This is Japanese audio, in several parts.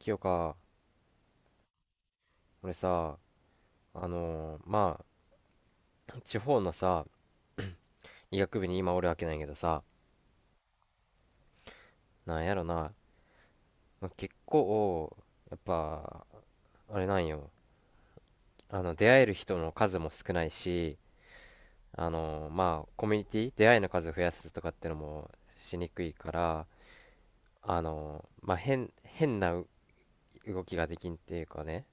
清か。俺さ、あのーま地方のさ、医学部に今おるわけないけどさ、なんやろな、結構やっぱあれなんよ。出会える人の数も少ないし、コミュニティ出会いの数を増やすとかってのもしにくいから、変な動きができんっていうかね、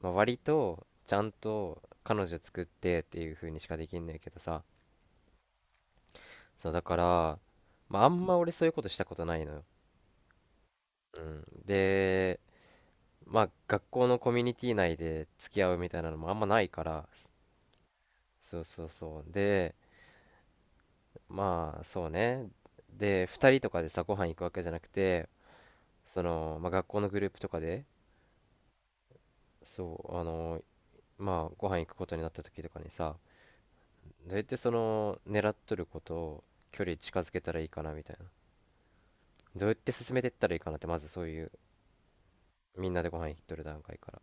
まあ、割とちゃんと彼女作ってっていう風にしかできんねんけどさ。そうだから、まあ、あんま俺そういうことしたことないのよ。うん。で、まあ学校のコミュニティ内で付き合うみたいなのもあんまないから、そうそうそう。で、まあそうね。で、2人とかでさ、ご飯行くわけじゃなくて、その、まあ、学校のグループとかで、そうご飯行くことになった時とかにさ、どうやってその狙っとることを、距離近づけたらいいかなみたいな、どうやって進めてったらいいかなって、まずそういうみんなでご飯行っとる段階から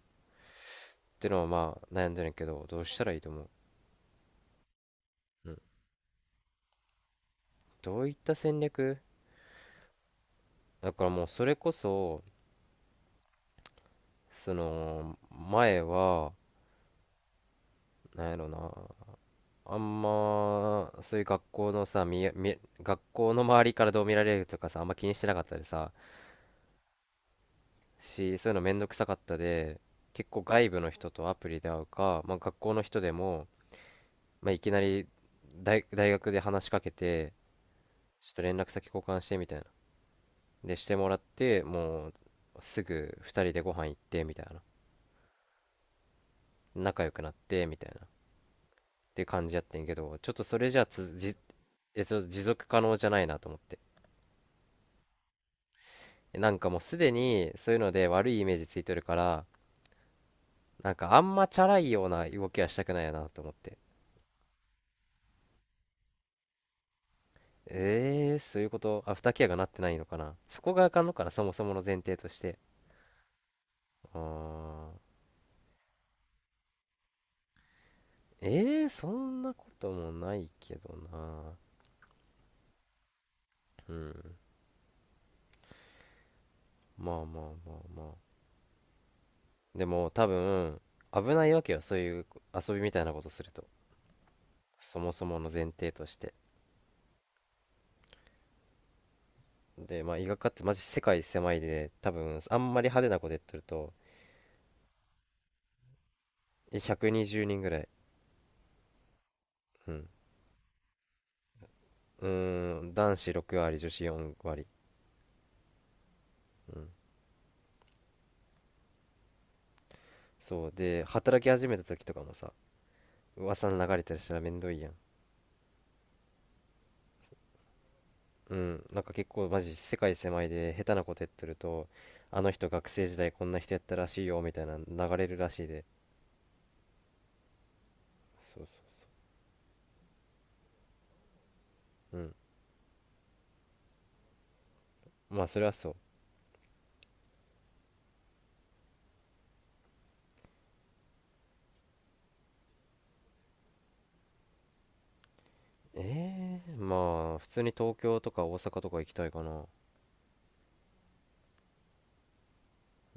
ってのはまあ悩んでるんやけど、どうしたらいいと思う？うん、どういった戦略。だからもうそれこそ、その前はなんやろな、あんまそういう学校のさ学校の周りからどう見られるとかさ、あんま気にしてなかったでさ、しそういうのめんどくさかったで、結構外部の人とアプリで会うか、まあ、学校の人でも、まあ、いきなり大学で話しかけて、ちょっと連絡先交換してみたいな。でしてもらって、もうすぐ2人でご飯行ってみたいな、仲良くなってみたいなって感じやってんけど、ちょっとそれじゃちょっと持続可能じゃないなと思って、なんかもうすでにそういうので悪いイメージついてるから、なんかあんまチャラいような動きはしたくないよなと思って。そういうこと、アフターケアがなってないのかな、そこがあかんのかな、そもそもの前提として。あー。えー、そんなこともないけどな。うん。まあまあ、まあまあ、でも多分危ないわけよ、そういう遊びみたいなことすると、そもそもの前提として。で、まあ医学科ってマジ世界狭いで、多分あんまり派手なことやってると、120人ぐらい。うん。うーん、男子6割、女子4割。うん、そうで働き始めた時とかもさ、噂の流れたりしたらめんどいやん。うん、なんか結構マジ世界狭いで、下手なことやってると、あの人学生時代こんな人やったらしいよみたいな、流れるらしいで。そうそう。うん、まあそれはそう。ええ、まあ普通に東京とか大阪とか行きたいかな。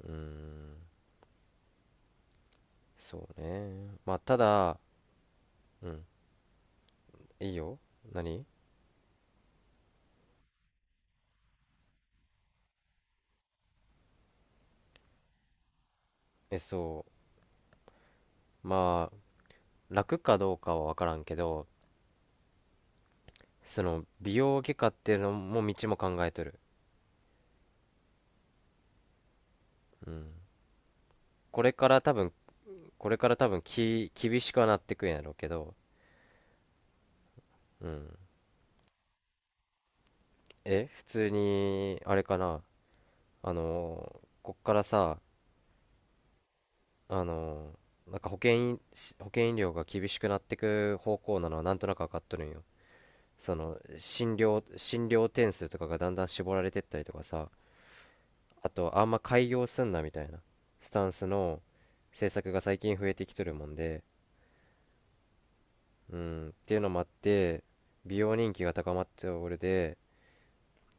うーん、そうね、まあただ、うん、いいよ。何？え、そう、まあ、楽かどうかは分からんけど、その美容外科っていうのも道も考えとる。うん。これから多分これから多分厳しくはなってくんやろうけど、うん。普通にあれかな。こっからさ、あのなんか保険医保険医療が厳しくなってく方向なのはなんとなく分かっとるんよ。その、診療点数とかがだんだん絞られてったりとかさ、あと、あんま開業すんなみたいなスタンスの政策が最近増えてきとるもんで、うん、っていうのもあって、美容人気が高まっておるで、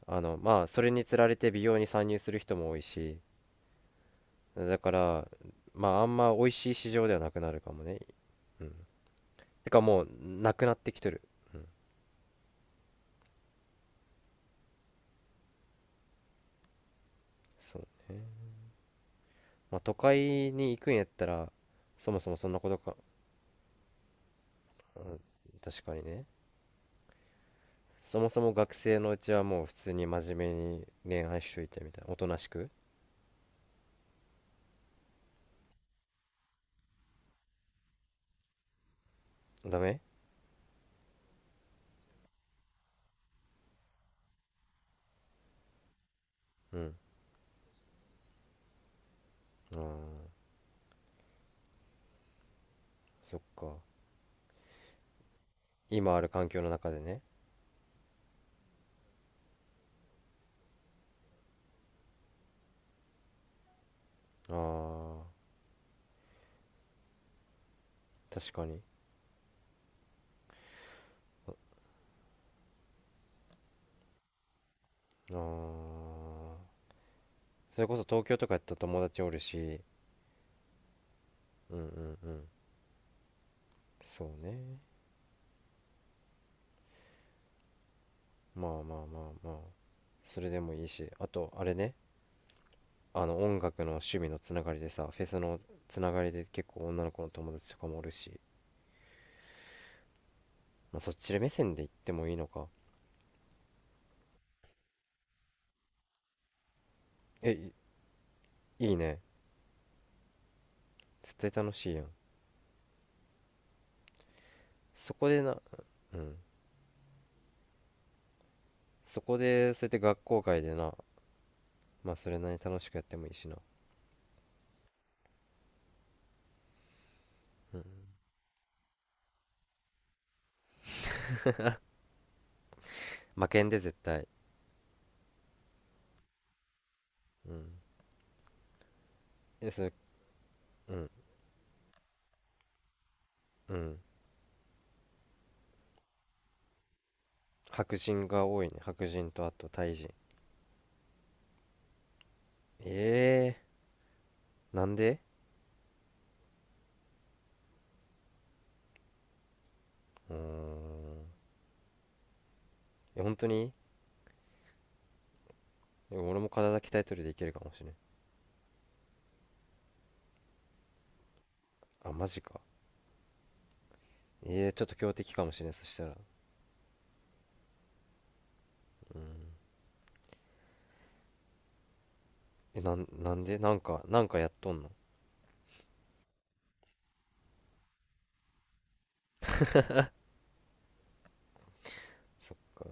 それにつられて美容に参入する人も多いし、だから、まああんま美味しい市場ではなくなるかもね。てか、もうなくなってきとる。そう、まあ都会に行くんやったら、そもそもそんなことか。確かにね。そもそも学生のうちは、もう普通に真面目に恋愛しといてみたいな、おとなしく。ダメ？うん。あー、そっか。今ある環境の中でね。あー、確かに。あー、それこそ東京とかやったら友達おるし、うんうんうん、そうね。まあまあまあまあ、それでもいいし、あとあれね、音楽の趣味のつながりでさ、フェスのつながりで結構女の子の友達とかもおるし、まあ、そっちで目線で行ってもいいのか。え、いいいね。絶対楽しいやん。そこでな、うん、そこでそうやって学校外でな、まあそれなりに楽しくやってもいいしな。うん。負けんで絶対。うん、え、それ、うん、うん、白人が多いね、白人と、あとタイ人。ええー、なんで？うん、え、本当に？でも俺も体鍛えとルでいけるかもしれん。あ、マジか。えー、ちょっと強敵かもしれん、そしたら。うん。え、なんでなんかやっとんの？そっか。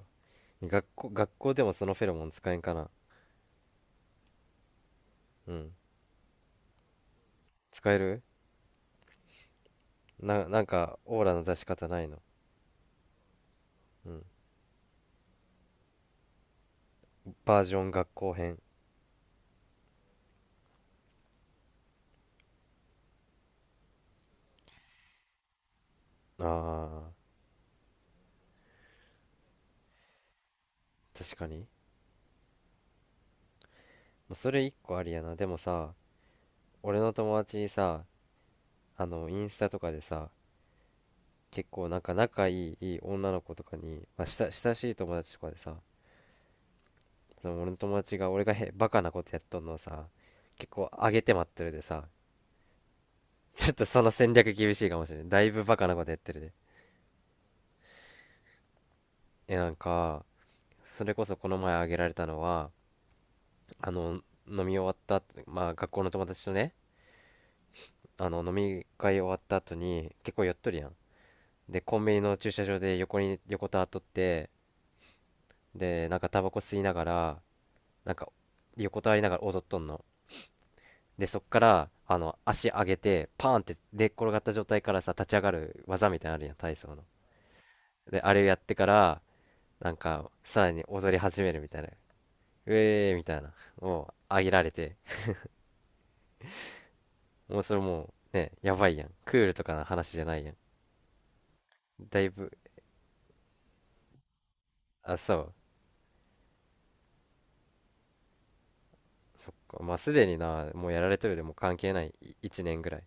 学校でもそのフェロモン使えんかな。うん。使える？なんか、オーラの出し方ないの？うん。バージョン学校編。あー、確かに。まあそれ一個ありやな。でもさ、俺の友達にさ、インスタとかでさ、結構なんか仲いい、いい女の子とかに、まあ、親しい友達とかでさ、その俺の友達が、俺がバカなことやっとんのをさ、結構上げて待ってるでさ。ちょっとその戦略厳しいかもしれない、だいぶバカなことやってるで。え、なんか、それこそこの前あげられたのは、あの飲み終わった後、まあ学校の友達とね、飲み会終わった後に結構酔っとるやん。で、コンビニの駐車場で横に横たわっとって、で、なんかタバコ吸いながら、なんか横たわりながら踊っとんの。で、そっから、足上げて、パーンって寝っ転がった状態からさ、立ち上がる技みたいなのあるやん、体操の。で、あれをやってから、なんか、さらに踊り始めるみたいな。えーみたいな。もう上げられて、もうそれもう、ね、やばいやん。クールとかの話じゃないやん。だいぶ、あ、そう。そっか。まあ、すでにな、もうやられてるでも関係ない。1年ぐらい。